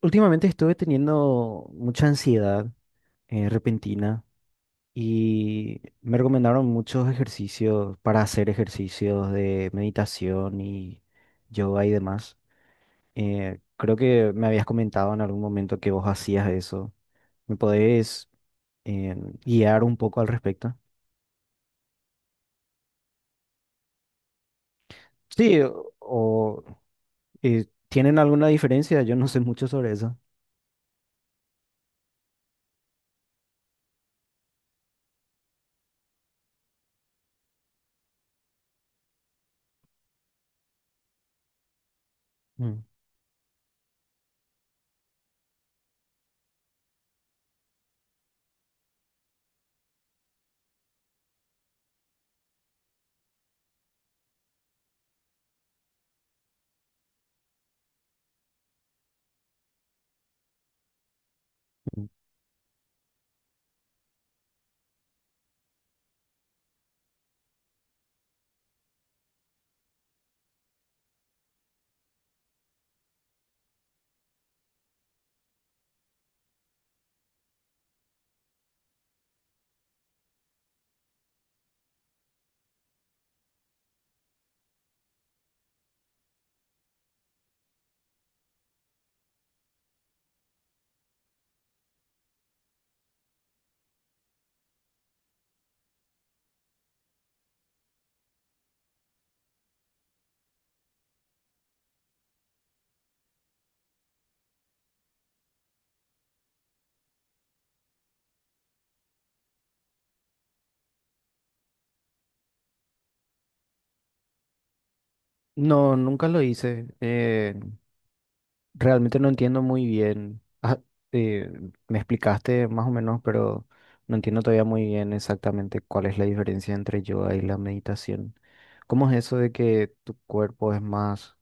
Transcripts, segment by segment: Últimamente estuve teniendo mucha ansiedad repentina y me recomendaron muchos ejercicios para hacer ejercicios de meditación y yoga y demás. Creo que me habías comentado en algún momento que vos hacías eso. ¿Me podés eh, guiar un poco al respecto? Sí, o ¿tienen alguna diferencia? Yo no sé mucho sobre eso. Mm. Mm. No, nunca lo hice. Realmente no entiendo muy bien. Ah, eh, me explicaste más o menos, pero no entiendo todavía muy bien exactamente cuál es la diferencia entre yoga y la meditación. ¿Cómo es eso de que tu cuerpo es más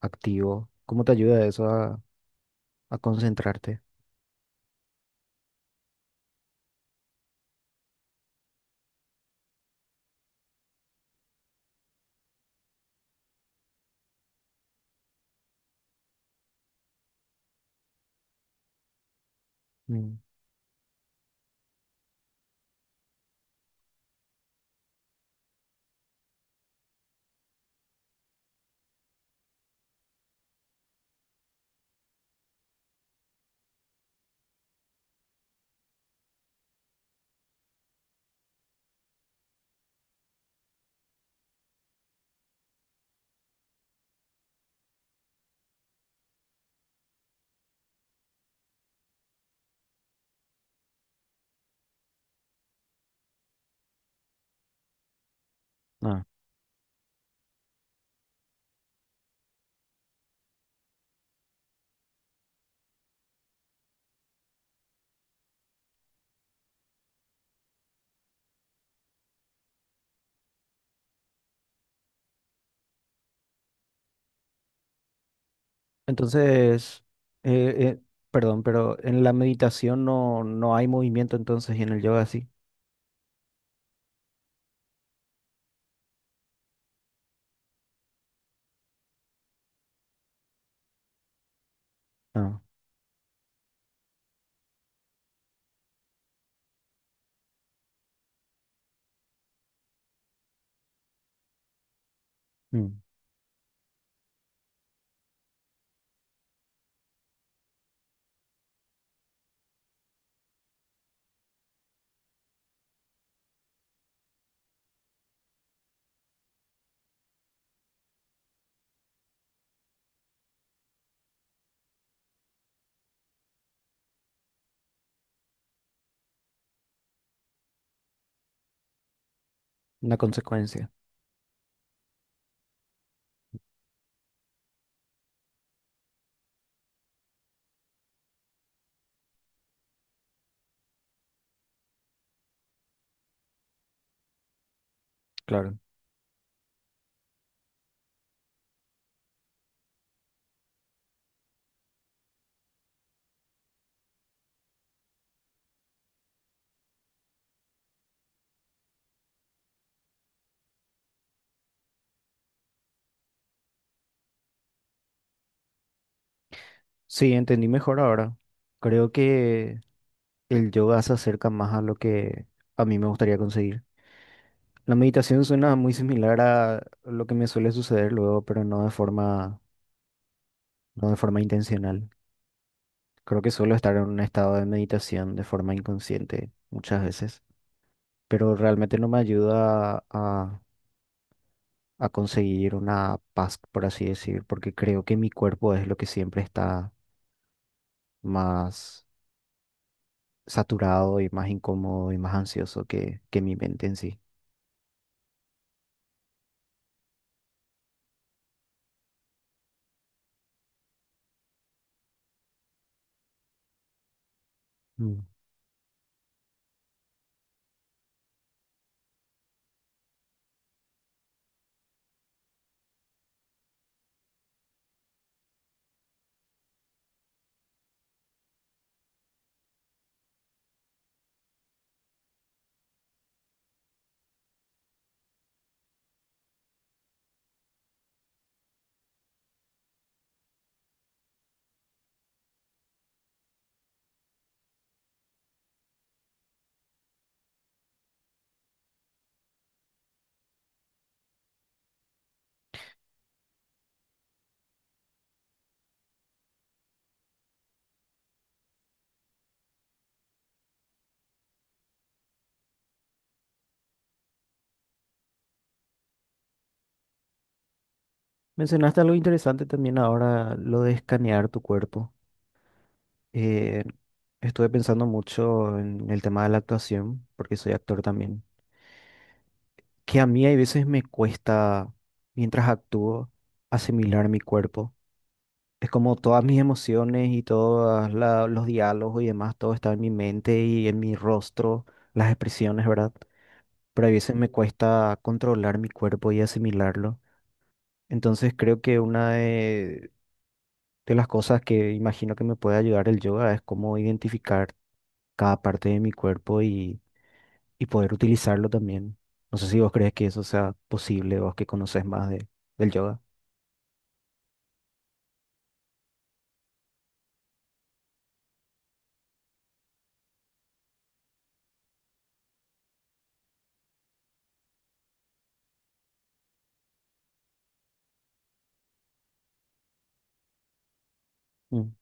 activo? ¿Cómo te ayuda eso a concentrarte? Mm. Ah. Entonces, eh, eh, perdón, pero en la meditación no, no hay movimiento entonces y en el yoga sí. Ah, mm, una consecuencia, claro. Sí, entendí mejor ahora. Creo que... el yoga se acerca más a lo que a mí me gustaría conseguir. La meditación suena muy similar a lo que me suele suceder luego, pero no de forma, no de forma intencional. Creo que suelo estar en un estado de meditación de forma inconsciente muchas veces, pero realmente no me ayuda a conseguir una paz, por así decir, porque creo que mi cuerpo es lo que siempre está más saturado y más incómodo y más ansioso que mi mente en sí. Mencionaste algo interesante también ahora, lo de escanear tu cuerpo. Eh, Estuve pensando mucho en el tema de la actuación, porque soy actor también, que a mí hay veces me cuesta, mientras actúo, asimilar mi cuerpo. Es como todas mis emociones y todos los diálogos y demás, todo está en mi mente y en mi rostro, las expresiones, ¿verdad? Pero a veces me cuesta controlar mi cuerpo y asimilarlo. Entonces creo que una de las cosas que imagino que me puede ayudar el yoga es cómo identificar cada parte de mi cuerpo y poder utilizarlo también. No sé si vos crees que eso sea posible, vos que conoces más de, del yoga. Mm,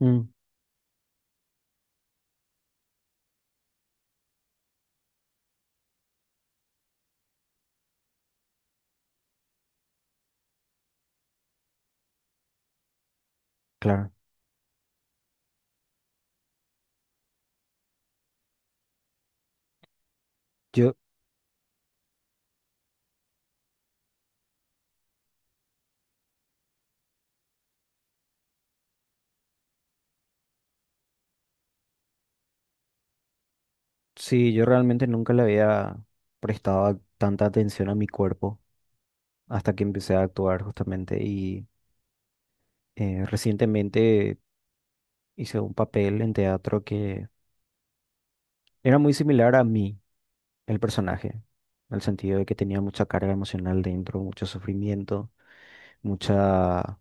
mm, claro. Yo, sí, yo realmente nunca le había prestado a- tanta atención a mi cuerpo hasta que empecé a actuar justamente y recientemente hice un papel en teatro que era muy similar a mí. El personaje, en el sentido de que tenía mucha carga emocional dentro, mucho sufrimiento, mucha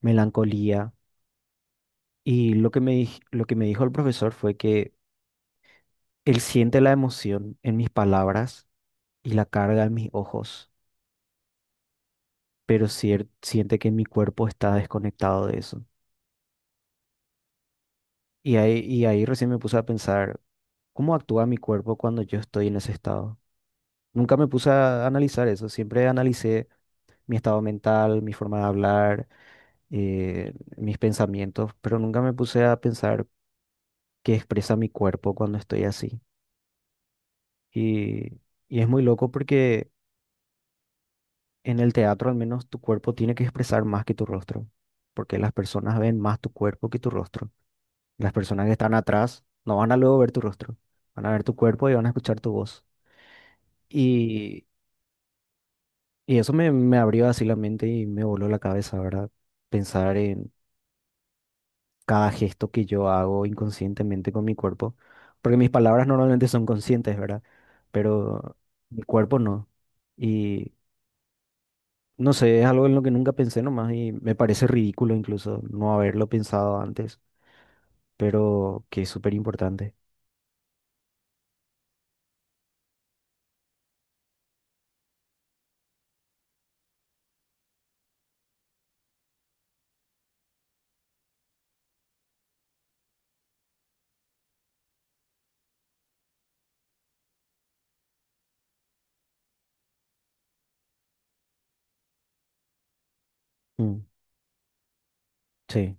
melancolía. Y lo que me, dij- lo que me dijo el profesor fue que él siente la emoción en mis palabras y la carga en mis ojos, pero cier- siente que mi cuerpo está desconectado de eso. Y ahí recién me puse a pensar, ¿cómo actúa mi cuerpo cuando yo estoy en ese estado? Nunca me puse a analizar eso, siempre analicé mi estado mental, mi forma de hablar, mis pensamientos, pero nunca me puse a pensar qué expresa mi cuerpo cuando estoy así. Y, y es muy loco porque en el teatro al menos tu cuerpo tiene que expresar más que tu rostro, porque las personas ven más tu cuerpo que tu rostro. Las personas que están atrás no van a luego ver tu rostro, van a ver tu cuerpo y van a escuchar tu voz. Y, y eso me, me abrió así la mente y me voló la cabeza, ¿verdad? Pensar en cada gesto que yo hago inconscientemente con mi cuerpo, porque mis palabras normalmente son conscientes, ¿verdad? Pero mi cuerpo no. Y no sé, es algo en lo que nunca pensé nomás y me parece ridículo incluso no haberlo pensado antes, pero que es súper importante. Mm, sí.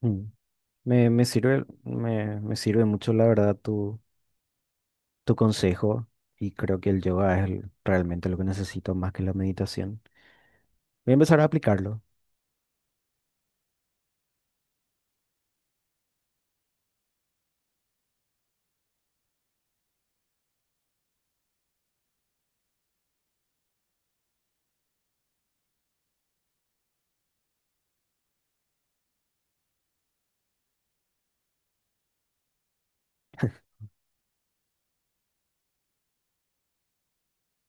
Mm. Me sirve, me sirve mucho, la verdad, tu consejo y creo que el yoga es el- realmente lo que necesito más que la meditación. Voy a empezar a aplicarlo.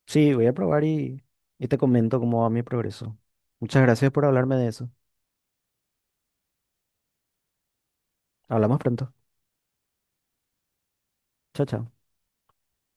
Sí, voy a probar y te comento cómo va mi progreso. Muchas gracias por hablarme de eso. Hablamos pronto. Chao, chao.